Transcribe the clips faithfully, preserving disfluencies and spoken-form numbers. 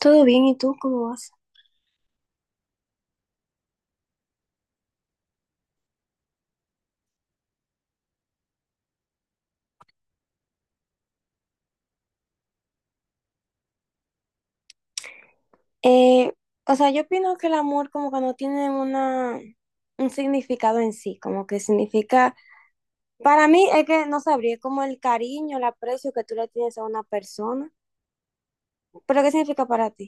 Todo bien, ¿y tú cómo vas? Eh, o sea, yo opino que el amor como que no tiene una, un significado en sí, como que significa, para mí es que no sabría, es como el cariño, el aprecio que tú le tienes a una persona, pero ¿qué significa para ti?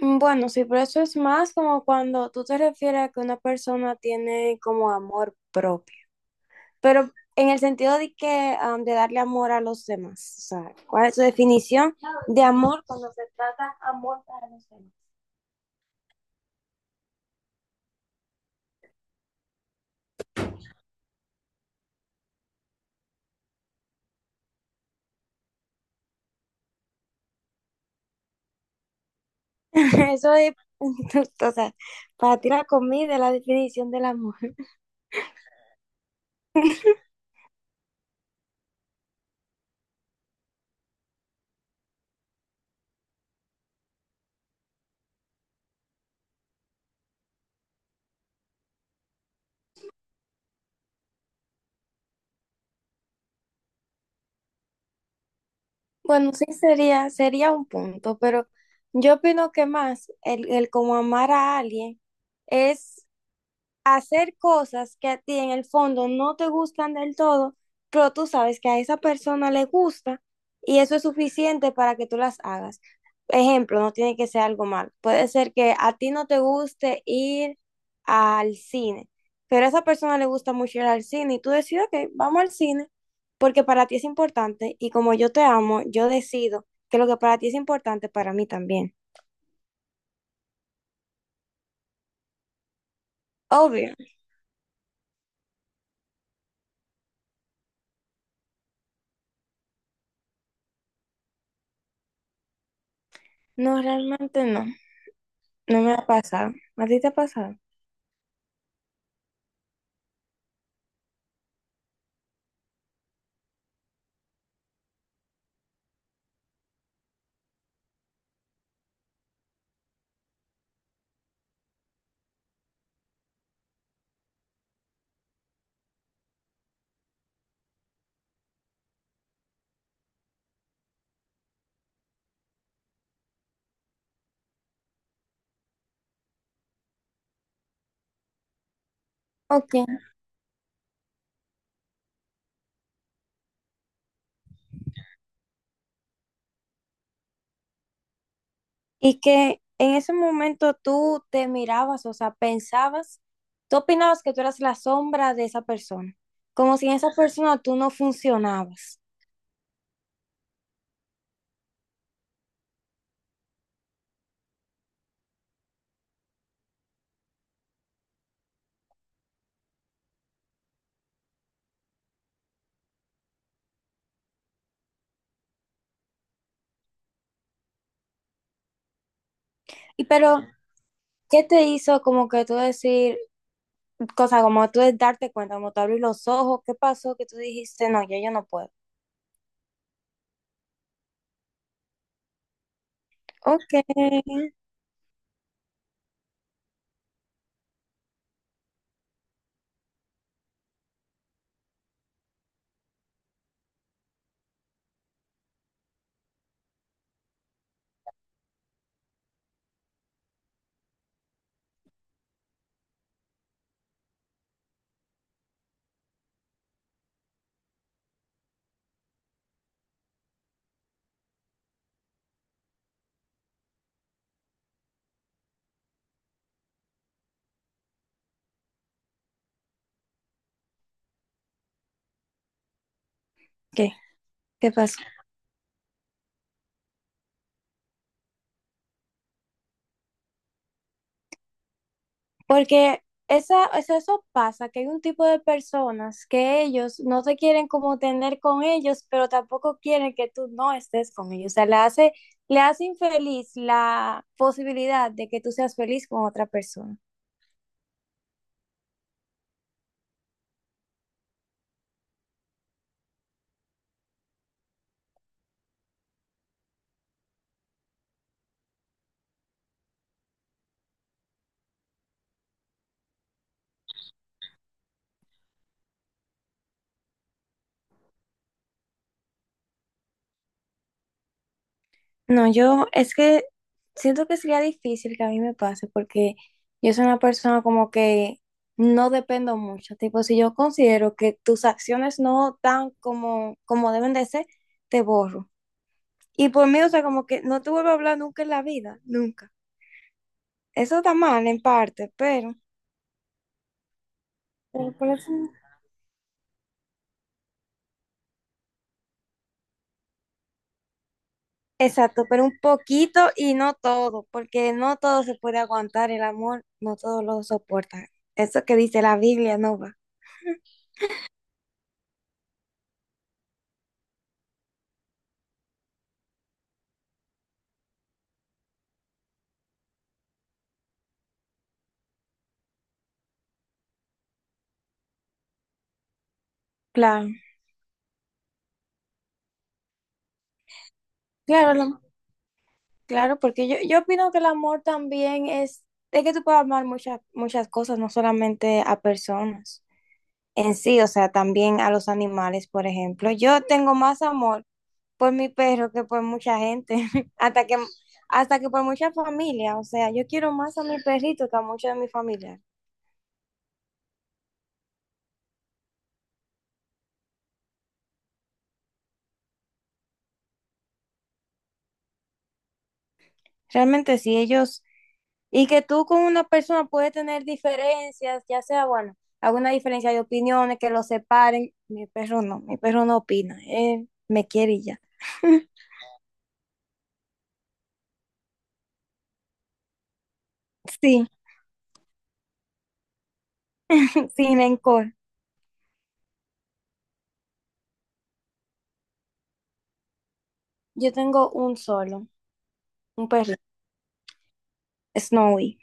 Mm. Bueno, sí, pero eso es más como cuando tú te refieres a que una persona tiene como amor propio. Pero en el sentido de que, am, de darle amor a los demás, o sea, ¿cuál es tu definición de amor cuando se trata amor para los demás? Eso es, o sea, para ti la comida es la definición del amor. Bueno, sí sería, sería un punto, pero yo opino que más el, el como amar a alguien es hacer cosas que a ti en el fondo no te gustan del todo, pero tú sabes que a esa persona le gusta y eso es suficiente para que tú las hagas. Ejemplo, no tiene que ser algo mal. Puede ser que a ti no te guste ir al cine, pero a esa persona le gusta mucho ir al cine y tú decides, ok, vamos al cine porque para ti es importante y como yo te amo, yo decido que lo que para ti es importante, para mí también. Obvio. No, realmente no. No me ha pasado. ¿A ti te ha pasado? Ok. Y que en ese momento tú te mirabas, o sea, pensabas, tú opinabas que tú eras la sombra de esa persona, como si en esa persona tú no funcionabas. Y pero, ¿qué te hizo como que tú decir, cosa como tú de darte cuenta, como tú abrir los ojos, qué pasó que tú dijiste, no, yo, yo no puedo? Ok. ¿Qué? ¿Qué pasó? Porque esa, eso, eso pasa, que hay un tipo de personas que ellos no te quieren como tener con ellos, pero tampoco quieren que tú no estés con ellos. O sea, le hace, le hace infeliz la posibilidad de que tú seas feliz con otra persona. No, yo es que siento que sería difícil que a mí me pase porque yo soy una persona como que no dependo mucho. Tipo, si yo considero que tus acciones no dan como, como deben de ser, te borro. Y por mí, o sea, como que no te vuelvo a hablar nunca en la vida, nunca. Eso está mal en parte, pero, pero por eso... no. Exacto, pero un poquito y no todo, porque no todo se puede aguantar el amor, no todo lo soporta. Eso que dice la Biblia no va. Claro, claro, lo- claro, porque yo, yo opino que el amor también es, es que tú puedes amar muchas, muchas cosas, no solamente a personas en sí, o sea, también a los animales, por ejemplo. Yo tengo más amor por mi perro que por mucha gente, hasta que, hasta que por mucha familia. O sea, yo quiero más a mi perrito que a muchos de mi familia. Realmente sí, ellos, y que tú con una persona puedes tener diferencias, ya sea, bueno, alguna diferencia de opiniones, que los separen. Mi perro no, mi perro no opina, él me quiere y ya. Sí, sin rencor. Yo tengo un solo, un perro, Snowy.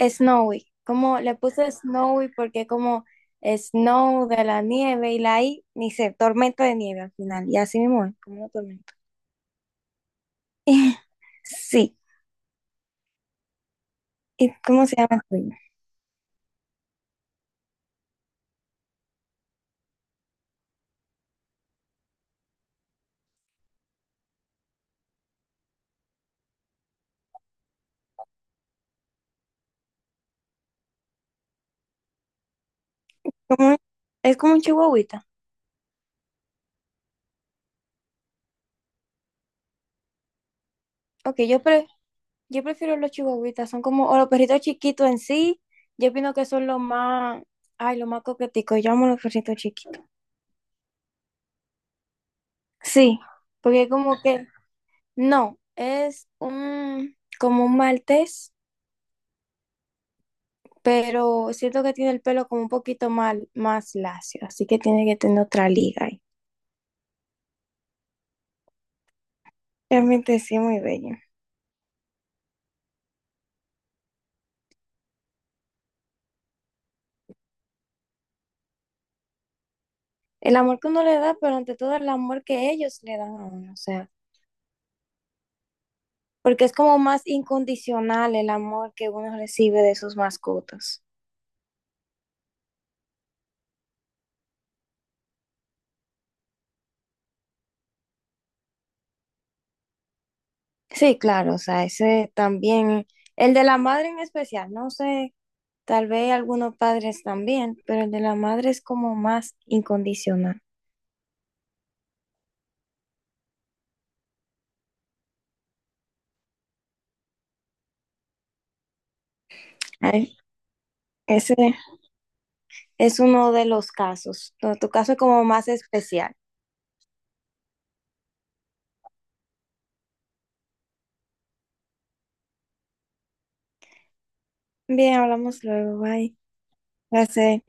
Snowy, como le puse Snowy porque como Snow de la nieve y la I, ni sé, tormenta de nieve al final, y así mismo es, como una tormenta. Sí, ¿y cómo se llama el tuyo? Como es como un chihuahuita. Ok, yo, pre- yo prefiero los chihuahuitas, son como, o los perritos chiquitos en sí, yo opino que son los más, ay, los más coqueticos, yo amo los perritos chiquitos. Sí, porque como que, no, es un, como un maltés pero siento que tiene el pelo como un poquito mal, más lacio, así que tiene que tener otra liga ahí. Realmente sí, muy bello. El amor que uno le da, pero ante todo el amor que ellos le dan a uno, o sea, porque es como más incondicional el amor que uno recibe de sus mascotas. Sí, claro, o sea, ese también, el de la madre en especial, no sé, tal vez algunos padres también, pero el de la madre es como más incondicional. Ay, ese es uno de los casos. Tu tu caso es como más especial. Bien, hablamos luego. Bye. Gracias.